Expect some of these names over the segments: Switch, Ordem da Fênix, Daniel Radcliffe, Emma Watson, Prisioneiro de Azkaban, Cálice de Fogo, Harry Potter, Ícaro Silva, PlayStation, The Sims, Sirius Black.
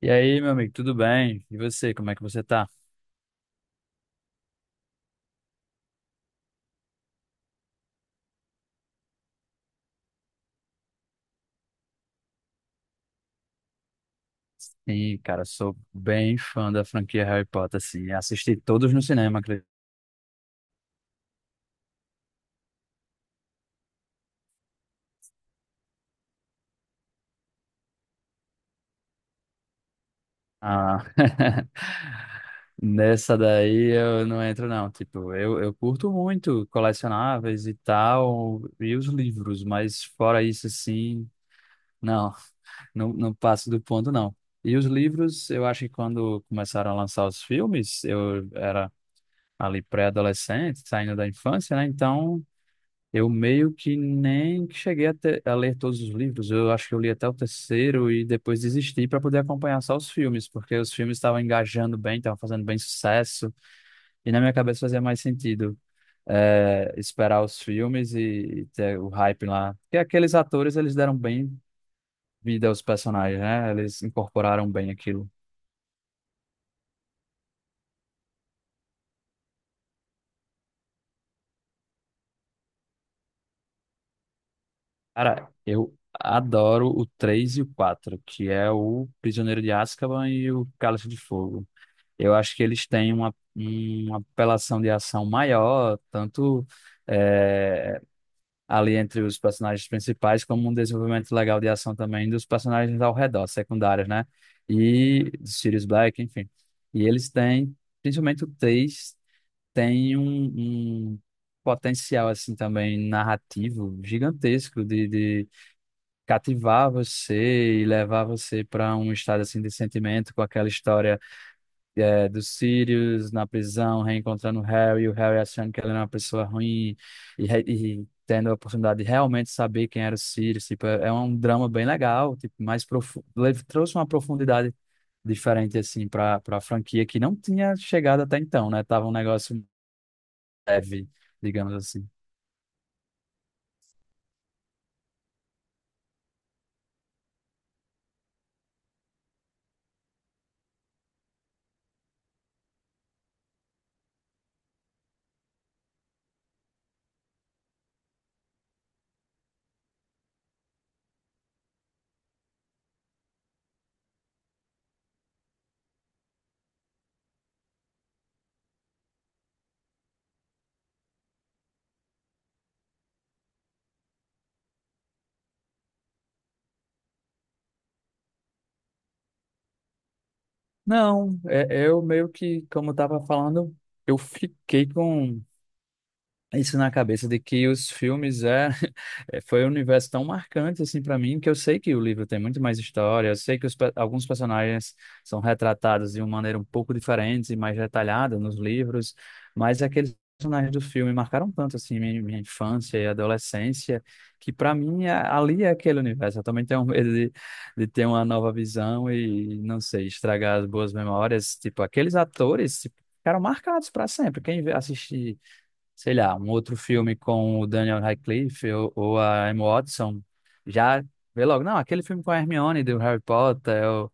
E aí, meu amigo, tudo bem? E você, como é que você tá? Sim, cara, sou bem fã da franquia Harry Potter, assim, assisti todos no cinema, acredito. Ah, nessa daí eu não entro não, tipo, eu curto muito colecionáveis e tal, e os livros, mas fora isso, assim, não, não, não passo do ponto não. E os livros, eu acho que quando começaram a lançar os filmes, eu era ali pré-adolescente, saindo da infância, né, então. Eu meio que nem cheguei a ler todos os livros. Eu acho que eu li até o terceiro e depois desisti para poder acompanhar só os filmes, porque os filmes estavam engajando bem, estavam fazendo bem sucesso, e na minha cabeça fazia mais sentido esperar os filmes e, ter o hype lá. Porque aqueles atores, eles deram bem vida aos personagens, né? Eles incorporaram bem aquilo. Cara, eu adoro o 3 e o quatro, que é o Prisioneiro de Azkaban e o Cálice de Fogo. Eu acho que eles têm uma, apelação de ação maior, tanto eh, ali entre os personagens principais, como um desenvolvimento legal de ação também dos personagens ao redor, secundários, né? E do Sirius Black, enfim. E eles têm, principalmente o Tails, tem um potencial, assim, também narrativo gigantesco de cativar você e levar você para um estado, assim, de sentimento com aquela história do Sirius na prisão, reencontrando o Harry, e o Harry achando que ela era uma pessoa ruim e tendo a oportunidade de realmente saber quem era o Sirius. Tipo, é um drama bem legal, tipo, mais profundo, trouxe uma profundidade diferente assim para a franquia que não tinha chegado até então, né? Tava um negócio leve, digamos assim. Não, eu meio que, como eu tava falando, eu fiquei com isso na cabeça de que os filmes foi um universo tão marcante assim para mim que eu sei que o livro tem muito mais história, eu sei que alguns personagens são retratados de uma maneira um pouco diferente e mais detalhada nos livros, mas aqueles personagens do filme marcaram tanto assim minha, minha infância e adolescência que para mim ali é aquele universo. Eu também tenho medo de ter uma nova visão e não sei, estragar as boas memórias, tipo aqueles atores, tipo, ficaram marcados para sempre. Quem assiste sei lá, um outro filme com o Daniel Radcliffe, ou a Emma Watson, já vê logo, não, aquele filme com a Hermione do Harry Potter, ou,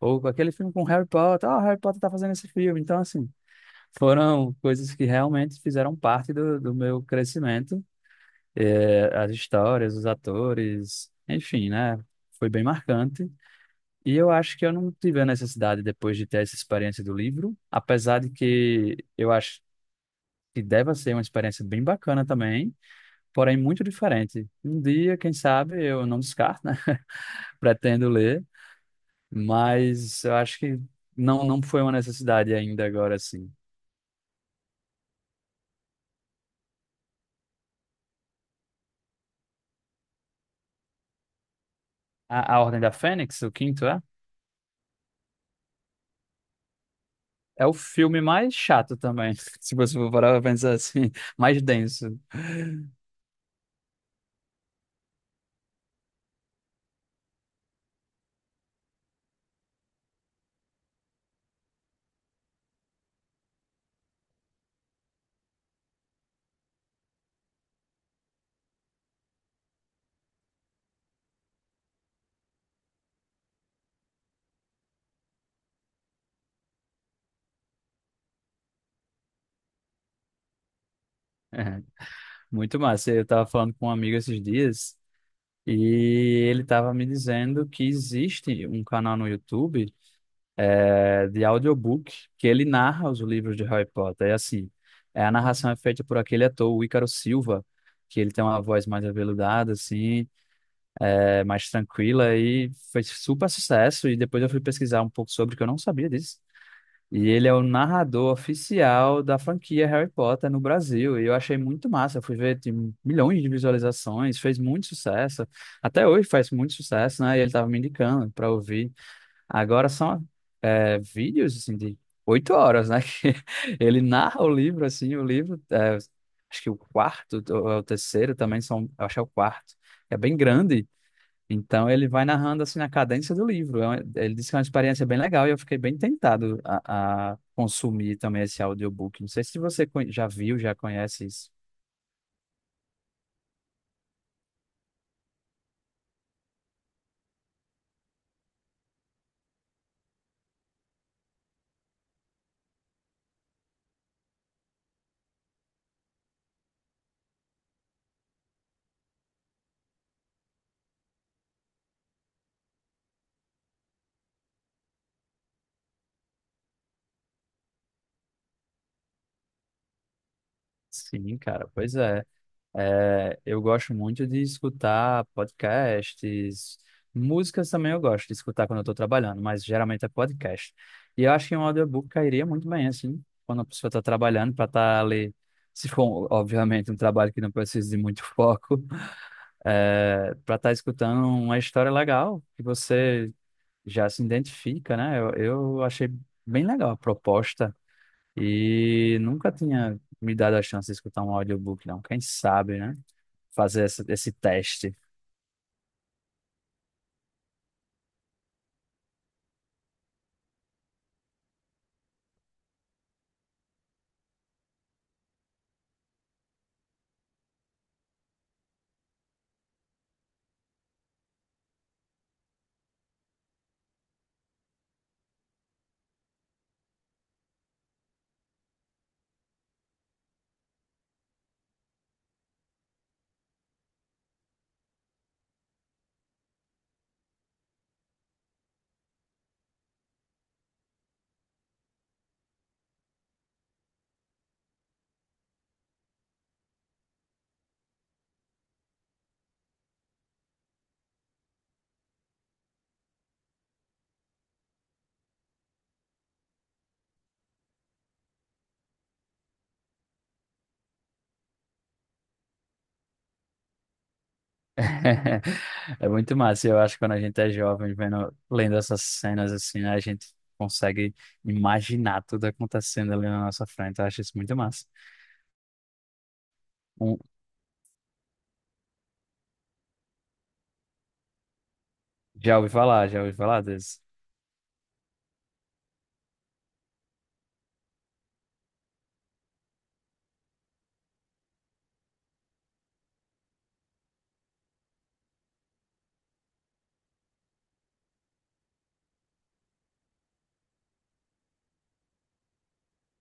ou aquele filme com o Harry Potter, ó, o Harry Potter tá fazendo esse filme. Então, assim, foram coisas que realmente fizeram parte do meu crescimento, as histórias, os atores, enfim, né? Foi bem marcante. E eu acho que eu não tive a necessidade depois de ter essa experiência do livro, apesar de que eu acho que deva ser uma experiência bem bacana também, porém muito diferente. Um dia, quem sabe, eu não descarto, né? Pretendo ler, mas eu acho que não, não foi uma necessidade ainda agora, assim. A Ordem da Fênix, o quinto é? É o filme mais chato também, se você for parar pra pensar assim, mais denso. É, muito massa. Eu estava falando com um amigo esses dias e ele estava me dizendo que existe um canal no YouTube, de audiobook, que ele narra os livros de Harry Potter. É assim, a narração é feita por aquele ator, o Ícaro Silva, que ele tem uma voz mais aveludada, assim, mais tranquila, e fez super sucesso. E depois eu fui pesquisar um pouco sobre, que eu não sabia disso. E ele é o narrador oficial da franquia Harry Potter no Brasil. E eu achei muito massa. Eu fui ver, tem milhões de visualizações, fez muito sucesso. Até hoje faz muito sucesso, né? E ele estava me indicando para ouvir. Agora são vídeos assim, de 8 horas, né? Que ele narra o livro, assim, o livro, acho que o quarto, ou é o terceiro também são, eu acho que é o quarto, é bem grande, então ele vai narrando assim na cadência do livro. Ele disse que é uma experiência bem legal e eu fiquei bem tentado a consumir também esse audiobook. Não sei se você já viu, já conhece isso. Sim, cara, pois é. É, eu gosto muito de escutar podcasts, músicas também eu gosto de escutar quando eu estou trabalhando, mas geralmente é podcast. E eu acho que um audiobook cairia muito bem, assim, quando a pessoa está trabalhando, para estar ali, se for, obviamente, um trabalho que não precisa de muito foco, para estar escutando uma história legal que você já se identifica, né? Eu achei bem legal a proposta. E nunca tinha me dado a chance de escutar um audiobook, não. Quem sabe, né? Fazer esse teste. É muito massa. Eu acho que quando a gente é jovem, vendo, lendo essas cenas assim, né, a gente consegue imaginar tudo acontecendo ali na nossa frente. Eu acho isso muito massa. Um- Já ouvi falar, já ouvi falar.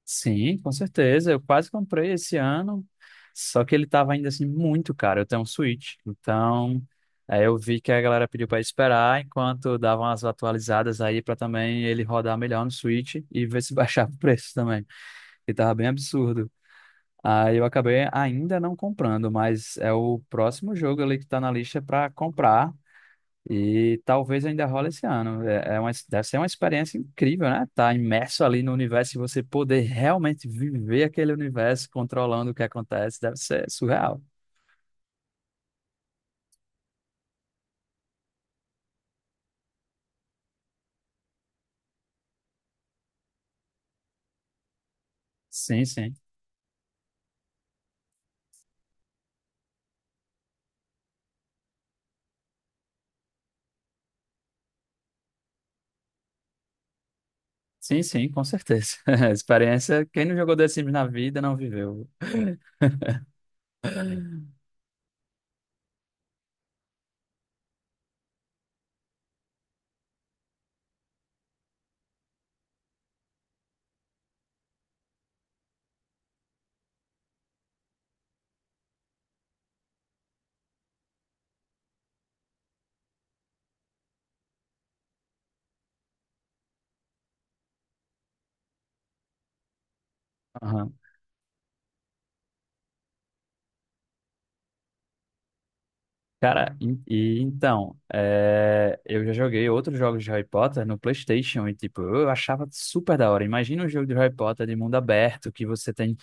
Sim, com certeza. Eu quase comprei esse ano, só que ele estava ainda assim muito caro. Eu tenho um Switch, então aí eu vi que a galera pediu para esperar enquanto davam as atualizadas aí para também ele rodar melhor no Switch, e ver se baixava o preço também, que tava bem absurdo. Aí eu acabei ainda não comprando, mas é o próximo jogo ali que tá na lista para comprar. E talvez ainda role esse ano. Deve ser uma experiência incrível, né? Tá imerso ali no universo e você poder realmente viver aquele universo, controlando o que acontece, deve ser surreal. Sim, sim. Sim, sim, com certeza. Experiência, quem não jogou The Sims na vida não viveu. Aham. Cara, e então, eu já joguei outros jogos de Harry Potter no PlayStation e, tipo, eu achava super da hora. Imagina um jogo de Harry Potter de mundo aberto, que você tem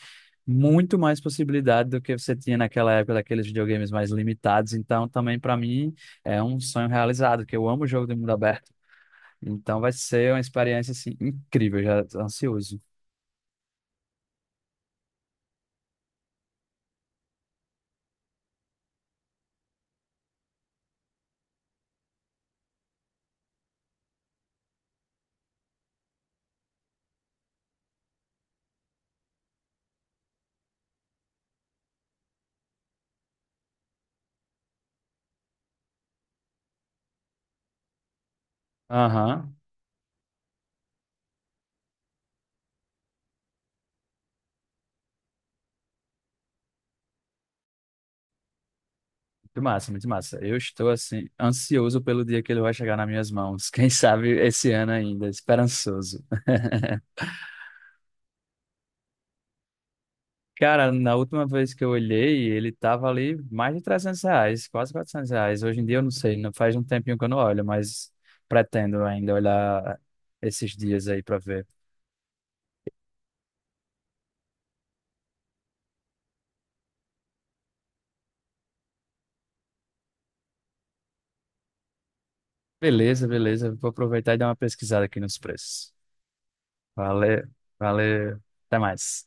muito mais possibilidade do que você tinha naquela época daqueles videogames mais limitados. Então, também para mim é um sonho realizado, que eu amo o jogo de mundo aberto. Então, vai ser uma experiência assim incrível, já tô ansioso. Aham. Muito massa, muito massa. Eu estou assim ansioso pelo dia que ele vai chegar nas minhas mãos. Quem sabe esse ano ainda, esperançoso. Cara, na última vez que eu olhei, ele tava ali mais de R$ 300, quase R$ 400. Hoje em dia eu não sei, não faz um tempinho que eu não olho, mas pretendo ainda olhar esses dias aí para ver. Beleza, beleza. Vou aproveitar e dar uma pesquisada aqui nos preços. Valeu, valeu. Até mais.